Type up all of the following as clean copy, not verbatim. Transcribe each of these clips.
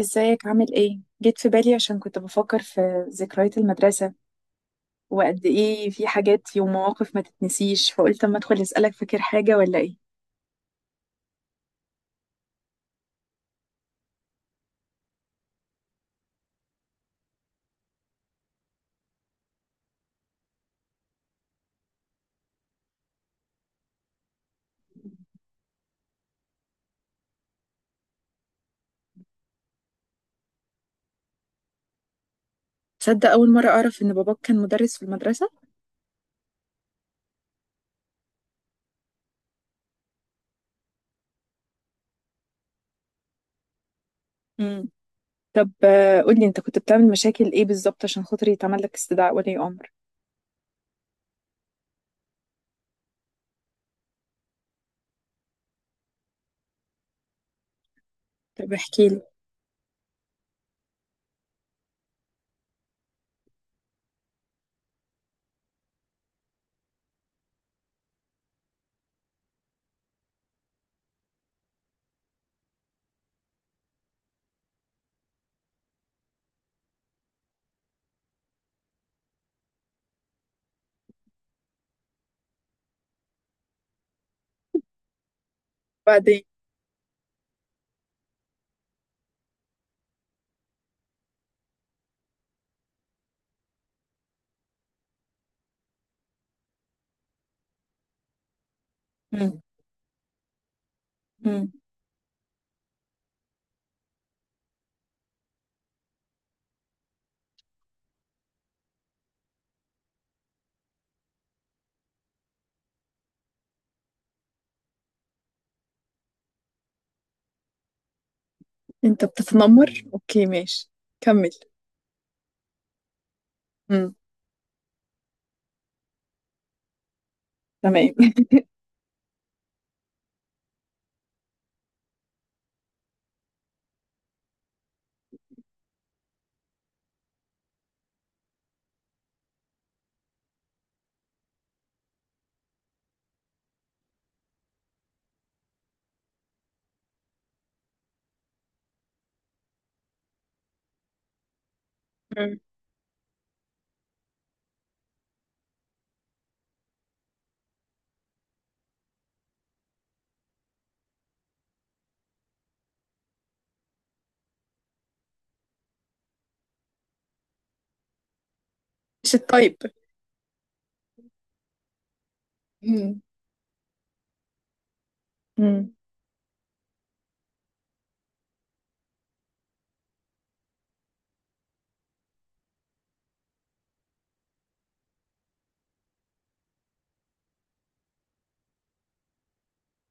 ازيك عامل ايه؟ جيت في بالي عشان كنت بفكر في ذكريات المدرسة، وقد ايه في حاجات ومواقف ما تتنسيش، فقلت اما ادخل اسألك: فاكر حاجة ولا ايه؟ تصدق اول مرة اعرف ان باباك كان مدرس في المدرسة؟ امم. طب قولي، انت كنت بتعمل مشاكل ايه بالظبط عشان خاطر يتعمل لك استدعاء ولي امر؟ طب احكي لي. بعدين. امم. امم. انت بتتنمر؟ اوكي، ماشي. كمل. امم. تمام. مم. مش الطيب. امم.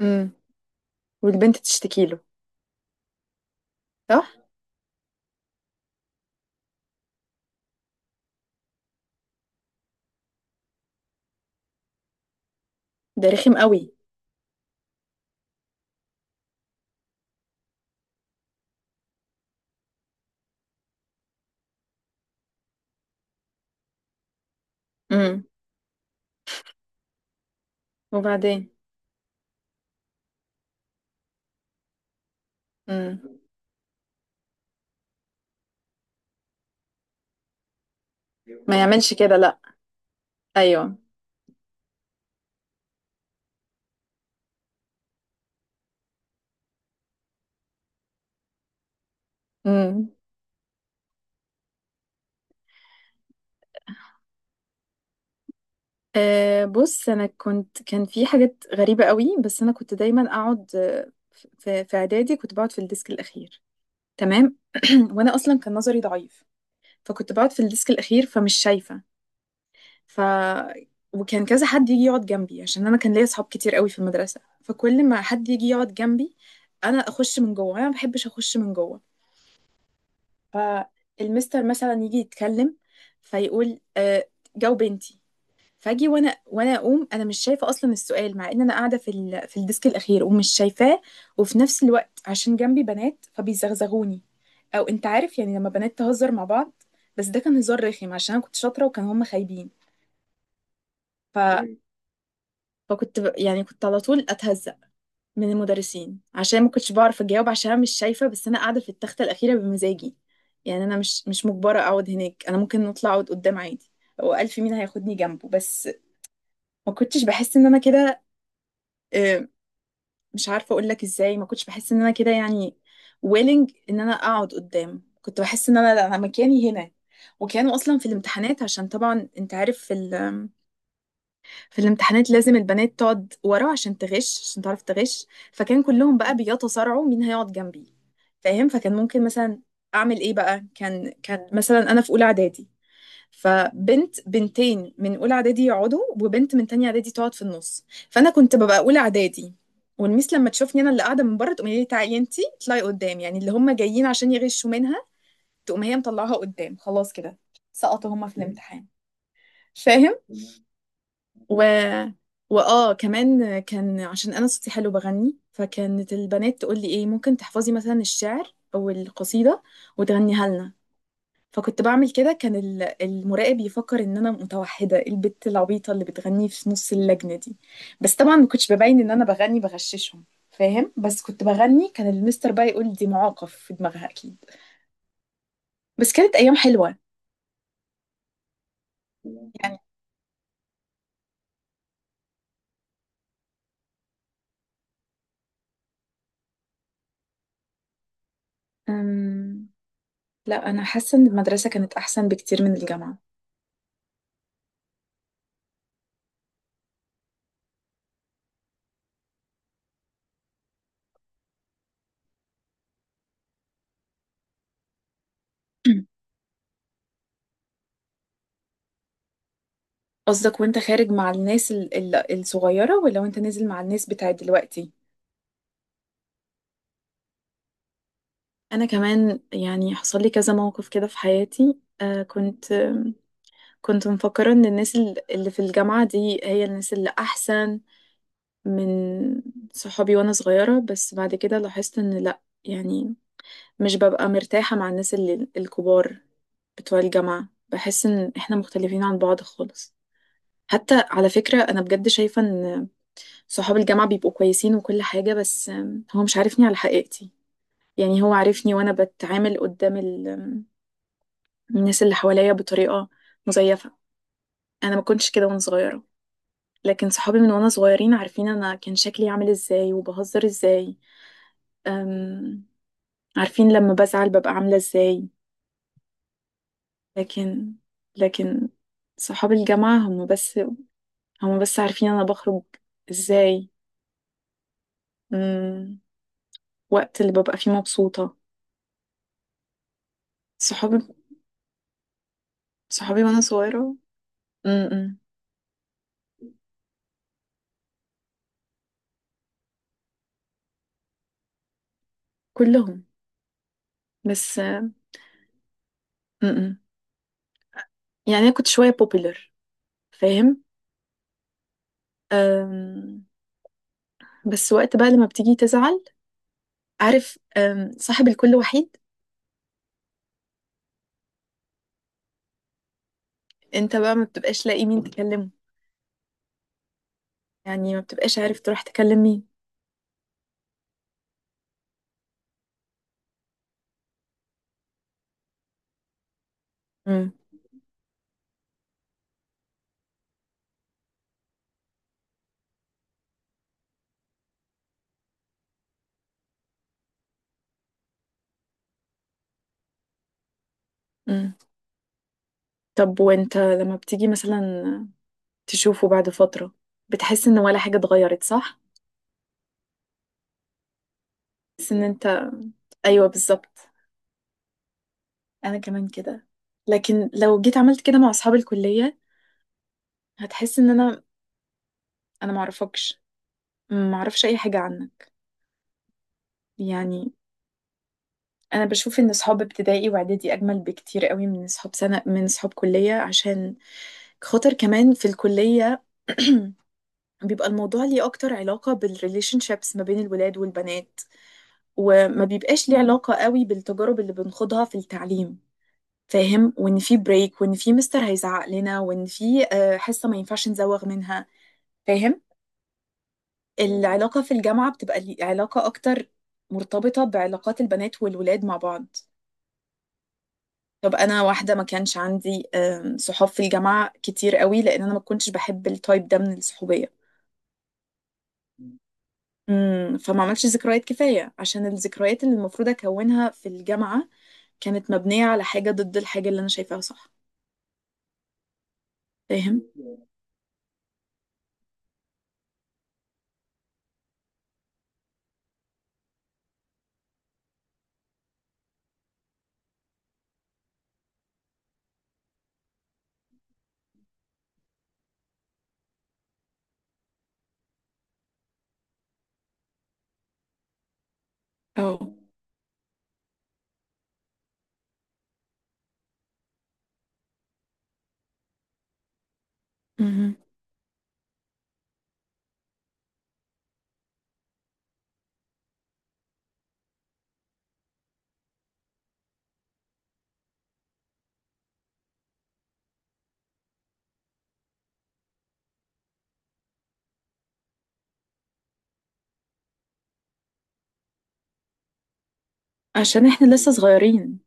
امم. والبنت تشتكي له، صح؟ ده رخم قوي. امم. وبعدين. امم. ما يعملش كده، لا. ايوه. امم. أه، بص، انا كنت كان في حاجات غريبه قوي، بس انا كنت دايما اقعد. في اعدادي كنت بقعد في الديسك الاخير. تمام. وانا اصلا كان نظري ضعيف، فكنت بقعد في الديسك الاخير فمش شايفه. ف وكان كذا حد يجي يقعد جنبي عشان انا كان ليا اصحاب كتير قوي في المدرسه، فكل ما حد يجي يقعد جنبي انا اخش من جوه، انا ما بحبش اخش من جوه. فالمستر مثلا يجي يتكلم فيقول جاوب انتي. فاجي وانا اقوم، انا مش شايفه اصلا السؤال، مع ان انا قاعده في في الديسك الاخير ومش شايفاه. وفي نفس الوقت عشان جنبي بنات فبيزغزغوني، او انت عارف يعني لما بنات تهزر مع بعض، بس ده كان هزار رخم عشان انا كنت شاطره وكان هم خايبين. ف... مم. فكنت يعني كنت على طول اتهزق من المدرسين عشان ما كنتش بعرف اجاوب، عشان أنا مش شايفه، بس انا قاعده في التخته الاخيره بمزاجي. يعني انا مش مجبره اقعد هناك، انا ممكن نطلع اقعد قدام عادي. هو ألف مين هياخدني جنبه بس. ما كنتش بحس ان انا كده، آه، مش عارفه اقول لك ازاي، ما كنتش بحس ان انا كده. يعني willing ان انا اقعد قدام، كنت بحس ان انا لا، انا مكاني هنا. وكانوا اصلا في الامتحانات، عشان طبعا انت عارف في الامتحانات لازم البنات تقعد ورا عشان تغش، عشان تعرف تغش، فكان كلهم بقى بيتصارعوا مين هيقعد جنبي. فاهم؟ فكان ممكن مثلا اعمل ايه بقى. كان مثلا انا في اولى اعدادي، فبنت، بنتين من اولى اعدادي يقعدوا وبنت من تانية اعدادي تقعد في النص، فانا كنت ببقى اولى اعدادي. والميس لما تشوفني انا اللي قاعده من بره تقوم لي: تعالي انتي اطلعي قدام، يعني اللي هم جايين عشان يغشوا منها تقوم هي مطلعها قدام. خلاص كده سقطوا هم في الامتحان. فاهم؟ و واه كمان كان عشان انا صوتي حلو بغني، فكانت البنات تقول لي: ايه ممكن تحفظي مثلا الشعر او القصيده وتغنيها لنا؟ فكنت بعمل كده. كان المراقب يفكر ان انا متوحده، البت العبيطه اللي بتغني في نص اللجنه دي. بس طبعا ما كنتش ببين ان انا بغني، بغششهم. فاهم؟ بس كنت بغني. كان المستر بقى يقول: دي معاقف في دماغها اكيد. بس كانت ايام حلوه. يعني أم... لا، انا حاسه ان المدرسه كانت احسن بكتير من الجامعه. قصدك وانت خارج مع الناس الصغيرة ولا وانت نازل مع الناس بتاعت دلوقتي؟ انا كمان يعني حصل لي كذا موقف كده في حياتي. كنت مفكرة ان الناس اللي في الجامعة دي هي الناس اللي احسن من صحابي وانا صغيرة، بس بعد كده لاحظت ان لا، يعني مش ببقى مرتاحة مع الناس اللي الكبار بتوع الجامعة، بحس ان احنا مختلفين عن بعض خالص. حتى على فكرة انا بجد شايفة ان صحاب الجامعة بيبقوا كويسين وكل حاجة، بس هو مش عارفني على حقيقتي. يعني هو عارفني وأنا بتعامل قدام ال- آم، الناس اللي حواليا بطريقة مزيفة. أنا ما كنتش كده وأنا صغيرة، لكن صحابي من وأنا صغيرين عارفين أنا كان شكلي عامل إزاي وبهزر إزاي، أم، عارفين لما بزعل ببقى عاملة إزاي. لكن لكن صحاب الجامعة هم بس عارفين أنا بخرج إزاي، أم، وقت اللي ببقى فيه مبسوطة. صحابي صحابي وأنا صغيرة. م-م. كلهم، بس م-م. يعني انا كنت شويه بوبيلر، فاهم؟ أم، بس وقت بقى لما بتيجي تزعل، عارف، صاحب الكل وحيد، انت بقى ما بتبقاش لاقي مين تكلمه، يعني ما بتبقاش عارف تروح تكلم مين. م- م. طب وانت لما بتيجي مثلا تشوفه بعد فتره، بتحس ان ولا حاجه اتغيرت، صح؟ بس ان انت. ايوه، بالظبط. انا كمان كده. لكن لو جيت عملت كده مع اصحاب الكليه هتحس ان انا معرفكش، ما اعرفش اي حاجه عنك. يعني انا بشوف ان اصحاب ابتدائي واعدادي اجمل بكتير قوي من اصحاب سنه، من اصحاب كليه، عشان خاطر كمان في الكليه بيبقى الموضوع ليه اكتر علاقه بالريليشن شيبس ما بين الولاد والبنات، وما بيبقاش ليه علاقه قوي بالتجارب اللي بنخوضها في التعليم. فاهم؟ وان في بريك، وان في مستر هيزعق لنا، وان في حصه ما ينفعش نزوغ منها. فاهم؟ العلاقه في الجامعه بتبقى علاقه اكتر مرتبطه بعلاقات البنات والولاد مع بعض. طب انا واحده ما كانش عندي صحاب في الجامعه كتير قوي، لان انا ما كنتش بحب التايب ده من الصحوبيه. امم، فما عملتش ذكريات كفايه، عشان الذكريات اللي المفروض اكونها في الجامعه كانت مبنيه على حاجه ضد الحاجه اللي انا شايفاها، صح؟ فاهم؟ اه. مهم. عشان احنا لسه صغيرين،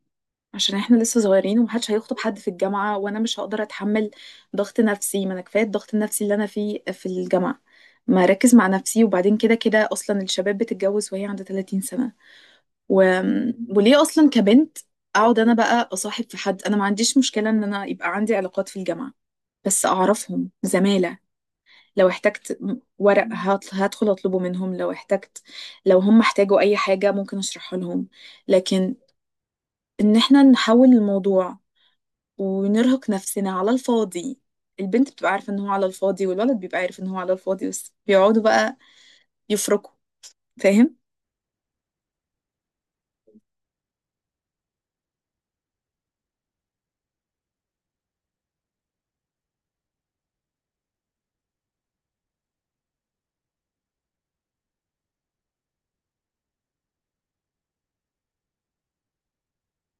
عشان احنا لسه صغيرين ومحدش هيخطب حد في الجامعه، وانا مش هقدر اتحمل ضغط نفسي، ما انا كفايه الضغط النفسي اللي انا فيه في الجامعه، ما اركز مع نفسي. وبعدين كده كده اصلا الشباب بتتجوز وهي عندها 30 سنه. و... وليه اصلا كبنت اقعد انا بقى اصاحب في حد؟ انا ما عنديش مشكله ان انا يبقى عندي علاقات في الجامعه، بس اعرفهم زماله. لو احتجت ورق هدخل اطلبه منهم، لو احتجت، لو هم احتاجوا اي حاجه ممكن اشرحها لهم. لكن ان احنا نحول الموضوع ونرهق نفسنا على الفاضي! البنت بتبقى عارفه ان هو على الفاضي، والولد بيبقى عارف ان هو على الفاضي، بس بيقعدوا بقى يفركوا. فاهم؟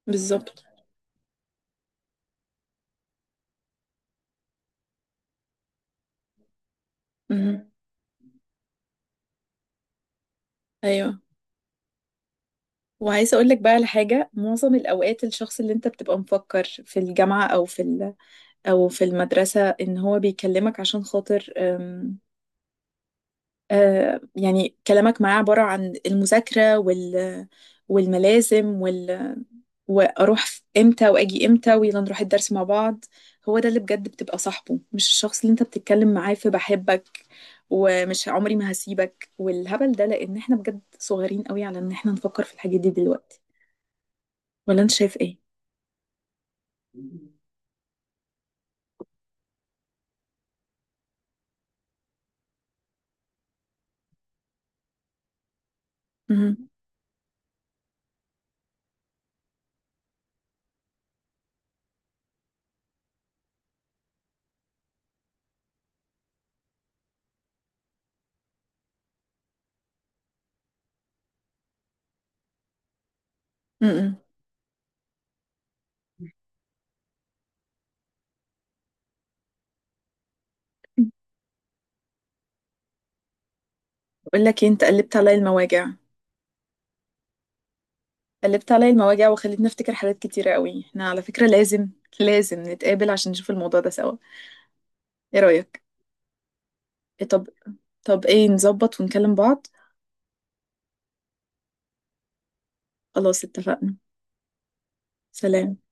بالظبط. مهم. ايوه. وعايزة اقول لك بقى على حاجة: معظم الاوقات الشخص اللي انت بتبقى مفكر في الجامعة او في او في المدرسة ان هو بيكلمك عشان خاطر يعني كلامك معاه عبارة عن المذاكرة والملازم واروح امتى واجي امتى ويلا نروح الدرس مع بعض، هو ده اللي بجد بتبقى صاحبه، مش الشخص اللي انت بتتكلم معاه في بحبك ومش عمري ما هسيبك والهبل ده، لان احنا بجد صغيرين قوي على ان احنا نفكر في الحاجات دي دلوقتي. ولا انت شايف ايه؟ مهم. مم. بقول لك ايه، انت قلبت عليا المواجع، قلبت عليا المواجع وخلتني افتكر حاجات كتيرة قوي. احنا على فكرة لازم نتقابل عشان نشوف الموضوع ده سوا. ايه رأيك؟ إيه طب طب ايه نظبط ونكلم بعض. خلاص اتفقنا. سلام.